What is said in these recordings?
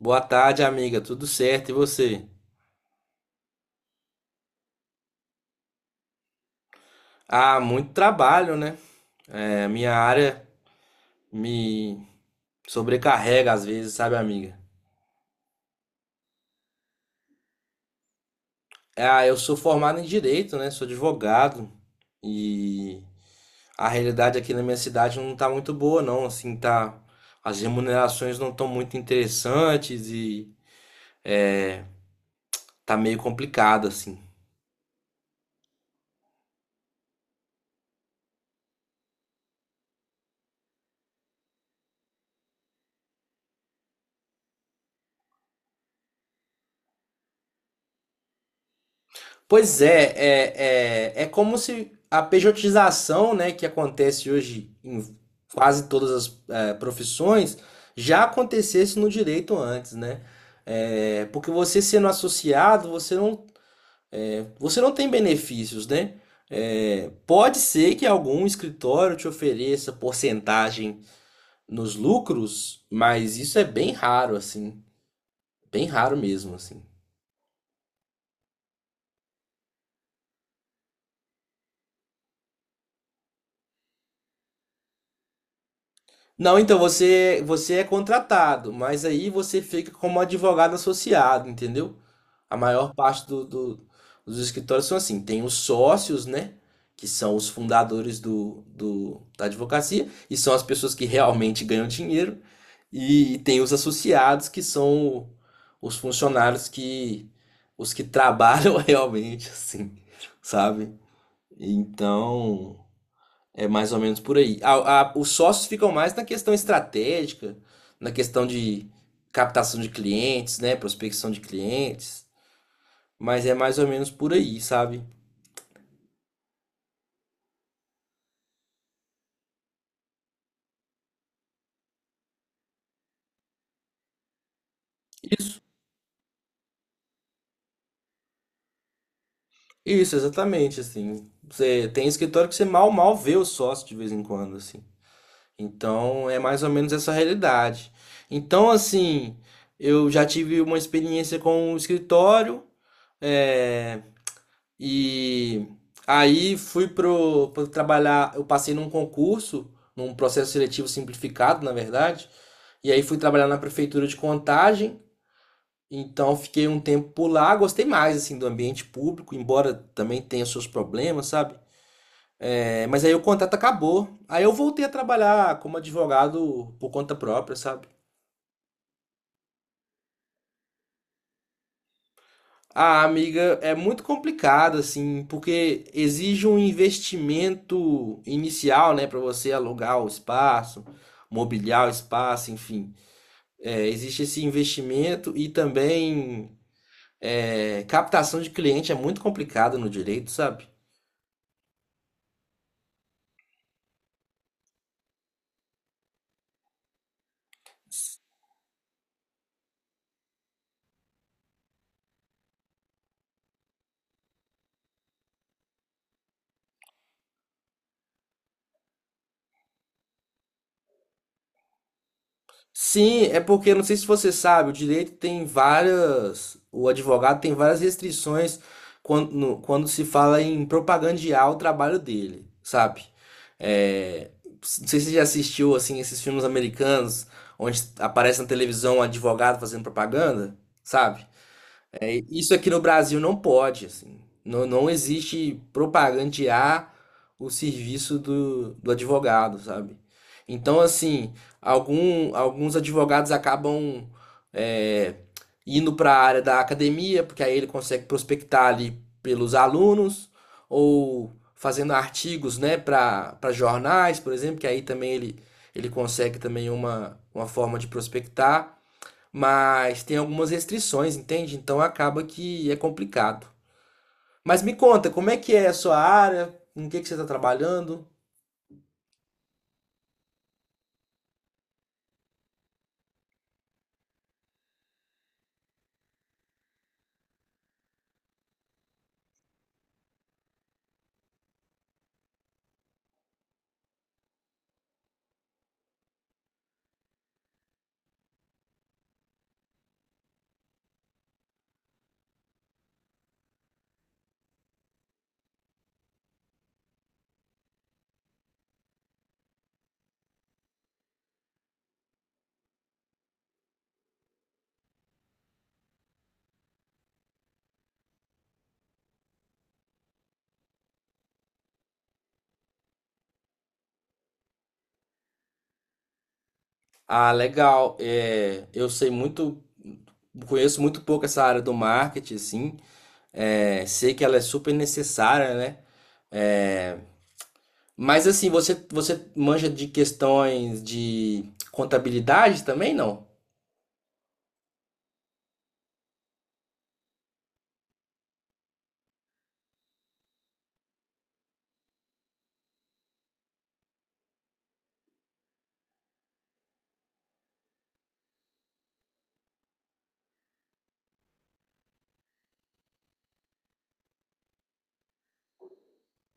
Boa tarde, amiga. Tudo certo? E você? Ah, muito trabalho, né? É, minha área me sobrecarrega às vezes, sabe, amiga? Ah, eu sou formado em direito, né? Sou advogado e a realidade aqui na minha cidade não tá muito boa, não. Assim, tá. As remunerações não estão muito interessantes e tá meio complicado, assim. Pois é como se a pejotização, né, que acontece hoje em quase todas as profissões, já acontecesse no direito antes, né? É, porque você sendo associado, você não tem benefícios, né? É, pode ser que algum escritório te ofereça porcentagem nos lucros, mas isso é bem raro, assim, bem raro mesmo, assim. Não, então você é contratado, mas aí você fica como advogado associado, entendeu? A maior parte dos escritórios são assim, tem os sócios, né? Que são os fundadores da advocacia, e são as pessoas que realmente ganham dinheiro, e tem os associados, que são os funcionários, que os que trabalham realmente, assim, sabe? Então. É mais ou menos por aí. Os sócios ficam mais na questão estratégica, na questão de captação de clientes, né? Prospecção de clientes. Mas é mais ou menos por aí, sabe? Isso, isso, exatamente, assim. Você tem escritório que você mal, mal vê o sócio de vez em quando, assim. Então, é mais ou menos essa realidade. Então, assim, eu já tive uma experiência com o escritório, eh, e aí fui pro, pro trabalhar, eu passei num concurso, num processo seletivo simplificado, na verdade. E aí fui trabalhar na prefeitura de Contagem. Então fiquei um tempo por lá, gostei mais assim do ambiente público, embora também tenha seus problemas, sabe? É, mas aí o contrato acabou. Aí eu voltei a trabalhar como advogado por conta própria, sabe? Ah, amiga, é muito complicado assim, porque exige um investimento inicial, né, para você alugar o espaço, mobiliar o espaço, enfim. É, existe esse investimento e também captação de cliente é muito complicado no direito, sabe? Sim, é porque não sei se você sabe, o direito tem várias, o advogado tem várias restrições quando se fala em propagandear o trabalho dele, sabe? É, não sei se você já assistiu assim esses filmes americanos onde aparece na televisão um advogado fazendo propaganda, sabe? É, isso aqui no Brasil não pode, assim. Não, não existe propagandear o serviço do advogado, sabe? Então, assim, alguns advogados acabam é, indo para a área da academia, porque aí ele consegue prospectar ali pelos alunos, ou fazendo artigos, né, para jornais, por exemplo, que aí também ele consegue também uma forma de prospectar, mas tem algumas restrições, entende? Então acaba que é complicado. Mas me conta, como é que é a sua área? Em que você está trabalhando? Ah, legal. É, eu sei muito, conheço muito pouco essa área do marketing, assim. É, sei que ela é super necessária, né? É, mas assim, você manja de questões de contabilidade também, não?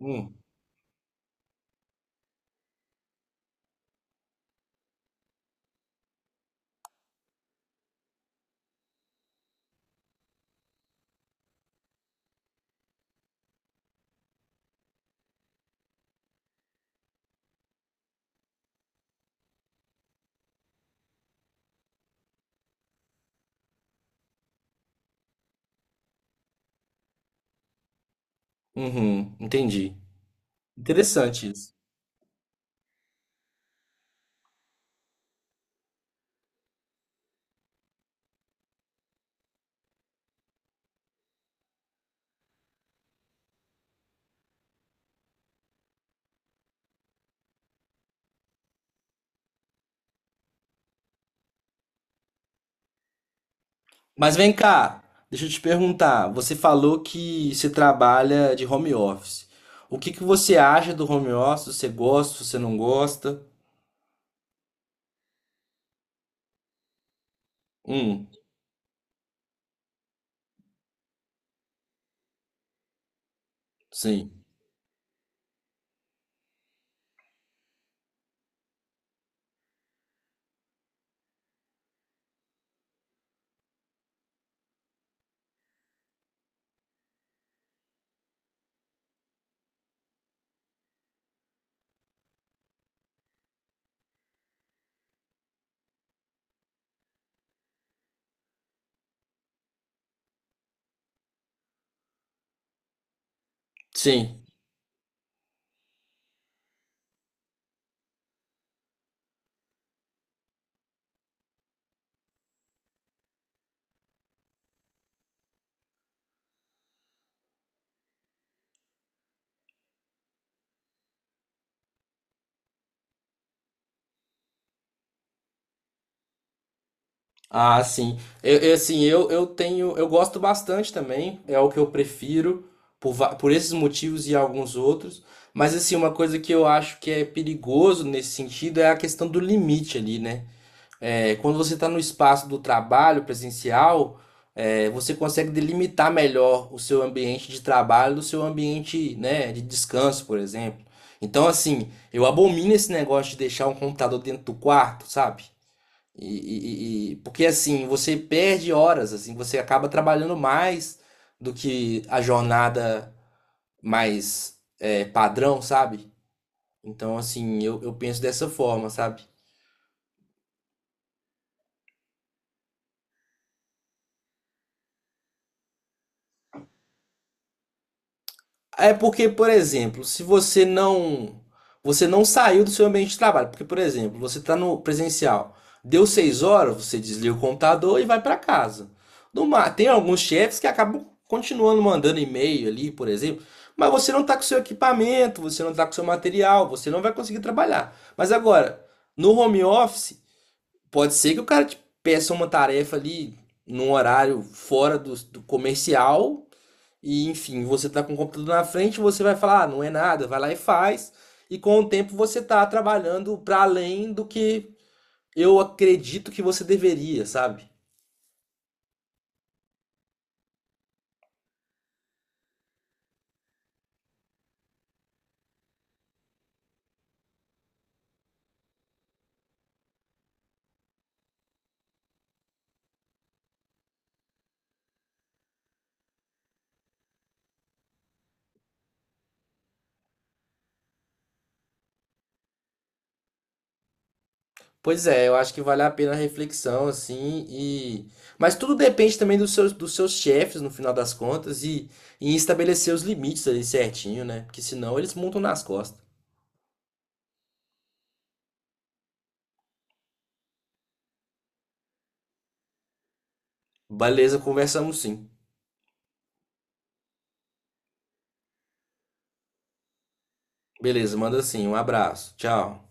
Hum, uhum, entendi. Interessante isso. Mas vem cá, deixa eu te perguntar. Você falou que você trabalha de home office. O que que você acha do home office? Você gosta, você não gosta? Hum, sim, sim. Ah, sim. Assim, eu gosto bastante também. É o que eu prefiro por esses motivos e alguns outros. Mas assim, uma coisa que eu acho que é perigoso nesse sentido é a questão do limite ali, né? É, quando você está no espaço do trabalho presencial, é, você consegue delimitar melhor o seu ambiente de trabalho do seu ambiente, né, de descanso, por exemplo. Então, assim, eu abomino esse negócio de deixar um computador dentro do quarto, sabe? Porque assim, você perde horas, assim, você acaba trabalhando mais do que a jornada mais padrão, sabe? Então, assim, eu penso dessa forma, sabe? É porque, por exemplo, se você não saiu do seu ambiente de trabalho, porque, por exemplo, você está no presencial, deu 6 horas, você desliga o computador e vai para casa. No ma- tem alguns chefes que acabam continuando mandando e-mail ali, por exemplo, mas você não está com seu equipamento, você não está com seu material, você não vai conseguir trabalhar. Mas agora, no home office, pode ser que o cara te peça uma tarefa ali num horário fora do comercial e enfim, você tá com o computador na frente, você vai falar, ah, não é nada, vai lá e faz. E com o tempo você tá trabalhando para além do que eu acredito que você deveria, sabe? Pois é, eu acho que vale a pena a reflexão, assim, e. Mas tudo depende também dos seus chefes, no final das contas, e estabelecer os limites ali certinho, né? Porque senão eles montam nas costas. Beleza, conversamos sim. Beleza, manda sim. Um abraço. Tchau.